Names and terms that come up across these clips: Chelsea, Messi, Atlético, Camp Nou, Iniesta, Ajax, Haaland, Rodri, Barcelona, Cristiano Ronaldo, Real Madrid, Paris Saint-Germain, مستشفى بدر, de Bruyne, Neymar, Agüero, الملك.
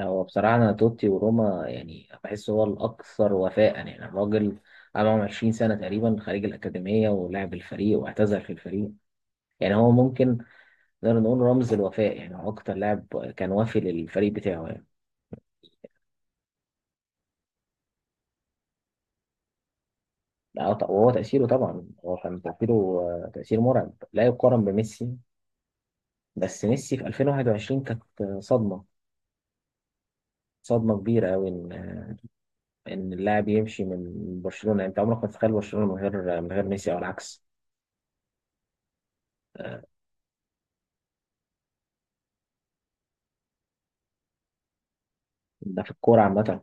هو بصراحة أنا توتي وروما يعني بحس هو الأكثر وفاء، يعني الراجل قعد معاهم 20 سنة تقريبا خارج الأكاديمية ولعب الفريق واعتزل في الفريق. يعني هو ممكن نقدر نقول رمز الوفاء، يعني هو أكتر لاعب كان وافي للفريق بتاعه يعني. لا وهو تأثيره طبعا، هو كان تأثيره تأثير مرعب لا يقارن بميسي. بس ميسي في 2021 كانت صدمة، صدمة كبيرة أوي إن إن اللاعب يمشي من برشلونة. يعني أنت عمرك ما تتخيل برشلونة من غير من غير ميسي أو العكس. آه، ده في الكورة عامة.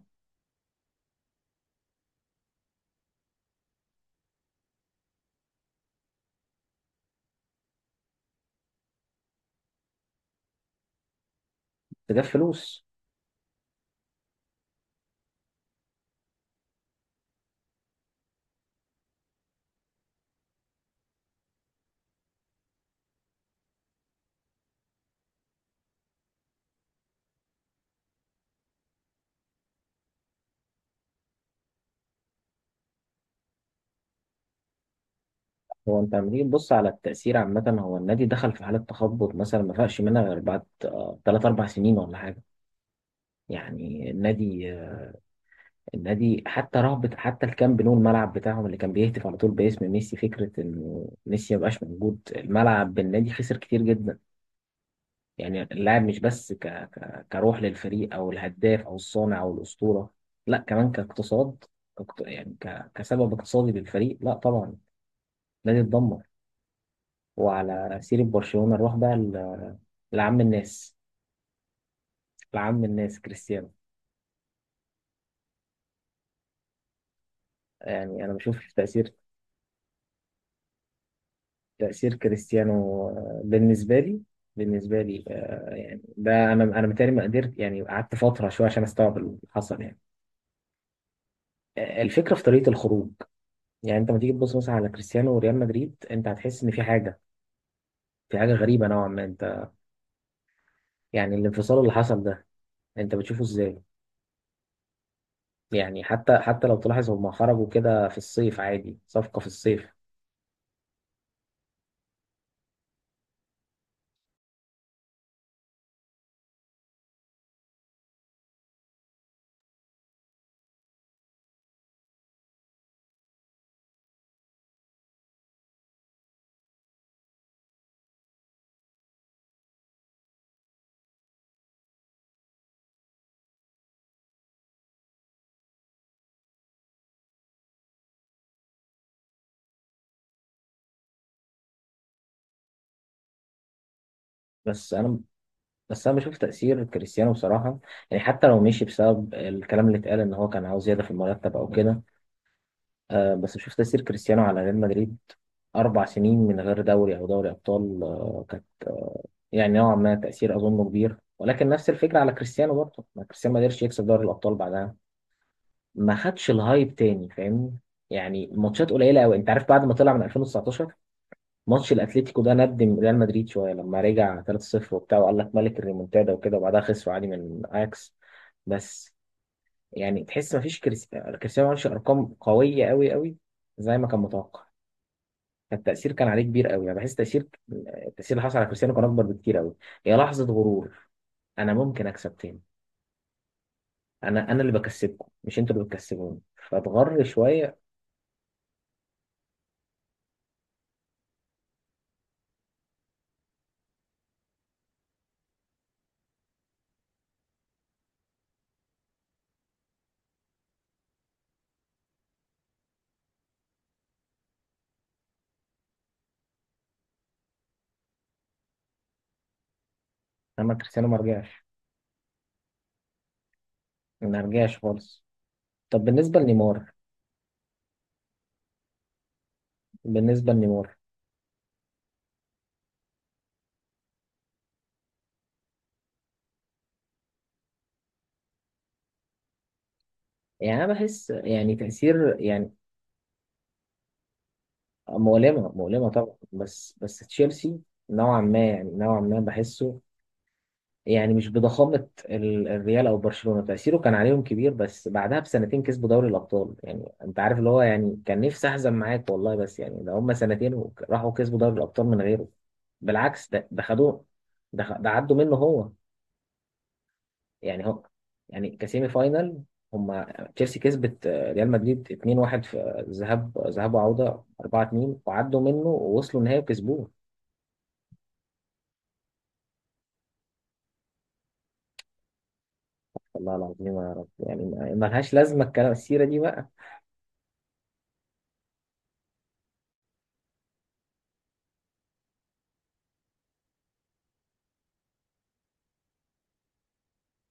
جاب فلوس. هو انت لما تيجي تبص على التأثير عامة، هو النادي دخل في حالة تخبط مثلا ما فاقش منها غير بعد تلات أربع سنين ولا حاجة. يعني النادي النادي حتى رهبة، حتى الكامب نو الملعب بتاعهم اللي كان بيهتف على طول باسم ميسي، فكرة إنه ميسي مبقاش موجود الملعب بالنادي خسر كتير جدا. يعني اللاعب مش بس كروح للفريق أو الهداف أو الصانع أو الأسطورة، لا كمان كاقتصاد، كسبب اقتصادي للفريق. لا طبعا النادي اتدمر. وعلى سيرة برشلونة نروح بقى لعم الناس، لعم الناس كريستيانو. يعني أنا بشوف تأثير، تأثير كريستيانو بالنسبة لي. بالنسبة لي يعني ده أنا متهيألي ما قدرت، يعني قعدت فترة شوية عشان أستوعب اللي حصل يعني. الفكرة في طريقة الخروج. يعني أنت لما تيجي تبص مثلا على كريستيانو وريال مدريد أنت هتحس إن في حاجة، في حاجة غريبة نوعا ما. أنت يعني الانفصال اللي حصل ده أنت بتشوفه إزاي؟ يعني حتى لو تلاحظ هما خرجوا كده في الصيف، عادي صفقة في الصيف. بس انا بس انا بشوف تأثير كريستيانو بصراحة. يعني حتى لو مشي بسبب الكلام اللي اتقال ان هو كان عاوز زيادة في المرتب او كده، آه بس بشوف تأثير كريستيانو على ريال مدريد. اربع سنين من غير دوري او دوري ابطال، آه كانت آه يعني نوعا ما تأثير اظنه كبير. ولكن نفس الفكرة على كريستيانو برضه، ما كريستيانو ما قدرش يكسب دوري الابطال بعدها، ما خدش الهايب تاني، فاهمني؟ يعني ماتشات قليلة قوي انت عارف، بعد ما طلع من 2019 ماتش الاتليتيكو ده ندم ريال مدريد شويه لما رجع 3-0 وبتاع، وقال لك ملك الريمونتادا وكده، وبعدها خسروا عادي من اياكس. بس يعني تحس مفيش كريستيانو ما عملش ارقام قويه قوي قوي زي ما كان متوقع. فالتاثير كان عليه كبير قوي، انا بحس تاثير، التاثير اللي حصل على كريستيانو كان اكبر بكتير قوي. هي لحظه غرور، انا ممكن اكسب تاني، انا اللي بكسبكم مش انتوا اللي بتكسبوني، فاتغر شويه. اما كريستيانو ما رجعش، ما رجعش خالص. طب بالنسبه لنيمار، بالنسبه لنيمار يعني انا بحس يعني تأثير يعني. مؤلمة، مؤلمة طبعا، بس تشيلسي نوعا ما، يعني نوعا ما بحسه. يعني مش بضخامة الريال او برشلونة، تأثيره كان عليهم كبير بس بعدها بسنتين كسبوا دوري الابطال. يعني انت عارف اللي هو يعني كان نفسي احزن معاك والله، بس يعني ده هم سنتين وراحوا كسبوا دوري الابطال من غيره. بالعكس ده ده خدوه، ده عدوا منه هو. يعني هو يعني كسيمي فاينال، هما تشيلسي كسبت ريال مدريد 2-1 في ذهاب، ذهاب وعودة 4-2، وعدوا منه ووصلوا النهائي وكسبوه. والله العظيم يا رب، يعني ما ما لهاش لازمة الكلام السيرة دي بقى.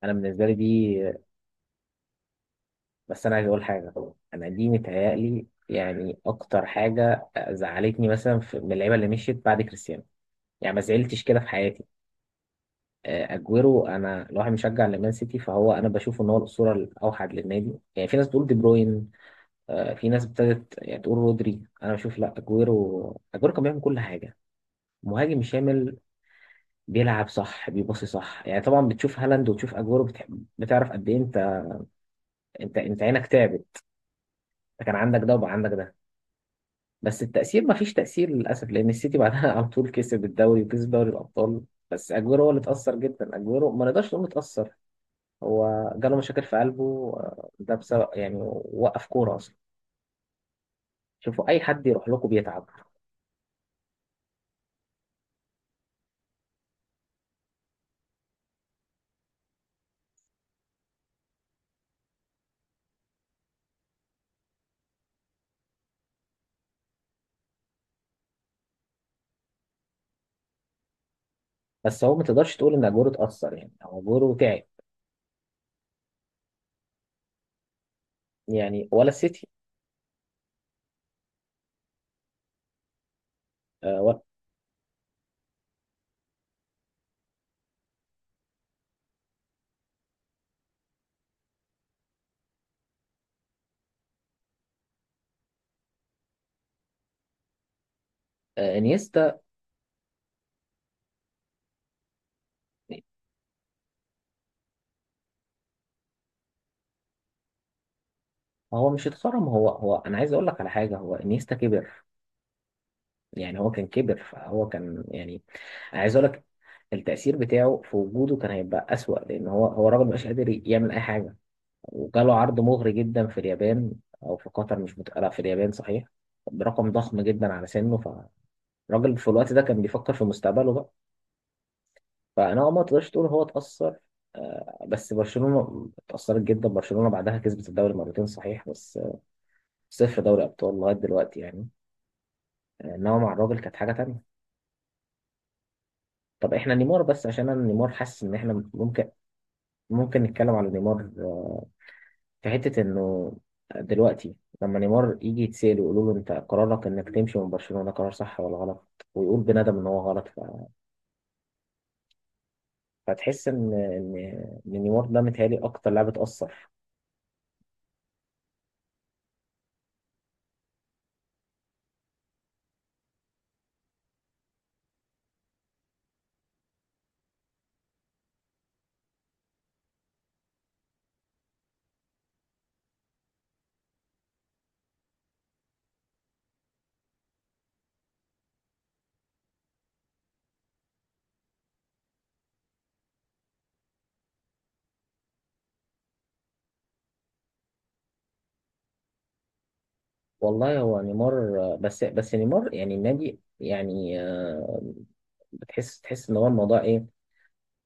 أنا بالنسبة لي دي، بس أنا عايز أقول حاجة. أنا دي متهيألي يعني أكتر حاجة زعلتني مثلا في من اللعيبة اللي مشيت بعد كريستيانو، يعني ما زعلتش كده في حياتي. اجويرو، انا لو واحد مشجع لمان سيتي فهو انا بشوف ان هو الاسطوره الاوحد للنادي. يعني في ناس بتقول دي بروين، في ناس ابتدت يعني تقول رودري، انا بشوف لا، اجويرو، اجويرو كان بيعمل كل حاجه. مهاجم شامل، بيلعب صح، بيباصي صح. يعني طبعا بتشوف هالاند وتشوف اجويرو بتعرف قد ايه انت، انت عينك تعبت. انت كان عندك ده وبقى عندك ده. بس التأثير ما فيش تأثير للأسف، لأن السيتي بعدها على طول كسب الدوري وكسب دوري الأبطال. بس أجويرو هو اللي اتأثر جدا. أجويرو ما نقدرش نقول اتأثر، هو جاله مشاكل في قلبه ده بسبب يعني، وقف كورة أصلا. شوفوا أي حد يروح لكم بيتعب. بس هو ما تقدرش تقول ان اجوره اتاثر، يعني هو اجوره تعب، يعني ولا السيتي ولا. انيستا، هو مش اتخرم، هو انا عايز اقول لك على حاجه، هو انيستا كبر. يعني هو كان كبر فهو كان يعني، عايز اقول لك التأثير بتاعه في وجوده كان هيبقى أسوأ لأن هو الراجل مبقاش قادر يعمل أي حاجة. وجاله عرض مغري جدا في اليابان أو في قطر، مش مت... لا في اليابان صحيح، برقم ضخم جدا على سنه. فالراجل في الوقت ده كان بيفكر في مستقبله بقى. فانا هو ما تقدرش تقول هو اتأثر. بس برشلونة اتأثرت جدا، برشلونة بعدها كسبت الدوري مرتين صحيح بس صفر دوري أبطال لغاية دلوقتي يعني. إنما مع الراجل كانت حاجة تانية. طب إحنا نيمار بس، عشان أنا نيمار حاسس إن إحنا ممكن، ممكن نتكلم عن نيمار. في حتة إنه دلوقتي لما نيمار يجي يتسأل ويقولوا له أنت قرارك إنك تمشي من برشلونة قرار صح ولا غلط، ويقول بندم إن هو غلط. فتحس إن إن نيمار ده متهيألي أكتر لاعب اتأثر. والله هو نيمار، بس نيمار يعني النادي يعني بتحس، تحس ان هو الموضوع ايه،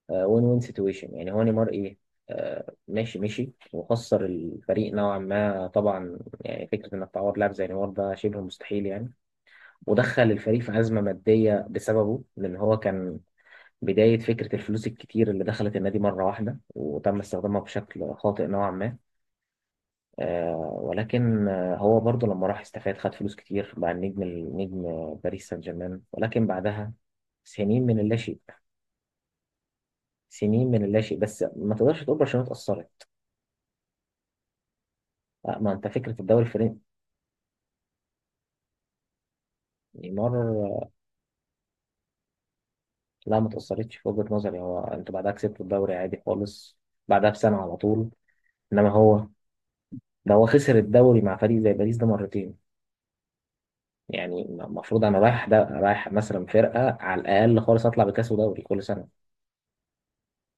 وين سيتويشن. يعني هو نيمار ايه، ماشي وخسر الفريق نوعا ما طبعا. يعني فكره انك تعوض لاعب زي نيمار ده شبه مستحيل يعني. ودخل الفريق في ازمه ماديه بسببه، لان هو كان بدايه فكره الفلوس الكتير اللي دخلت النادي مره واحده وتم استخدامها بشكل خاطئ نوعا ما. ولكن هو برضه لما راح استفاد، خد فلوس كتير، بقى النجم، النجم باريس سان جيرمان. ولكن بعدها سنين من اللاشيء، سنين من اللاشيء بس ما تقدرش تقول برشلونة اتأثرت. لا ما انت فكرة الدوري الفرنسي، نيمار. لا ما اتأثرتش في وجهة نظري، هو انتوا بعدها كسبتوا الدوري عادي خالص، بعدها بسنة على طول. انما هو ده، هو خسر الدوري مع فريق زي باريس ده مرتين. يعني المفروض انا رايح ده، رايح مثلا فرقة على الاقل خالص اطلع بكاس ودوري كل سنة.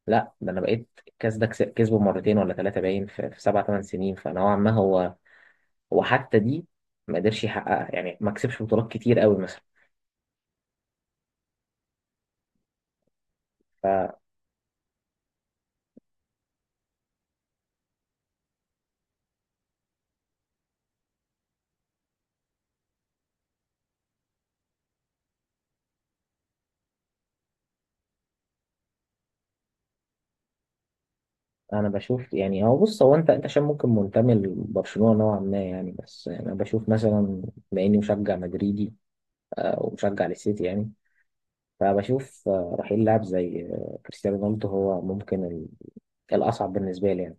لا ده انا بقيت الكاس ده كسبه مرتين ولا ثلاثه باين في, في سبع ثمان سنين، فنوعا ما هو، هو حتى دي ما قدرش يحققها. يعني ما كسبش بطولات كتير قوي مثلا. فانا بشوف يعني، هو بص هو انت عشان ممكن منتمي لبرشلونه نوعا ما يعني، بس يعني انا بشوف مثلا، بما اني مشجع مدريدي ومشجع للسيتي يعني، فبشوف رحيل لاعب زي كريستيانو رونالدو هو ممكن الاصعب بالنسبه لي يعني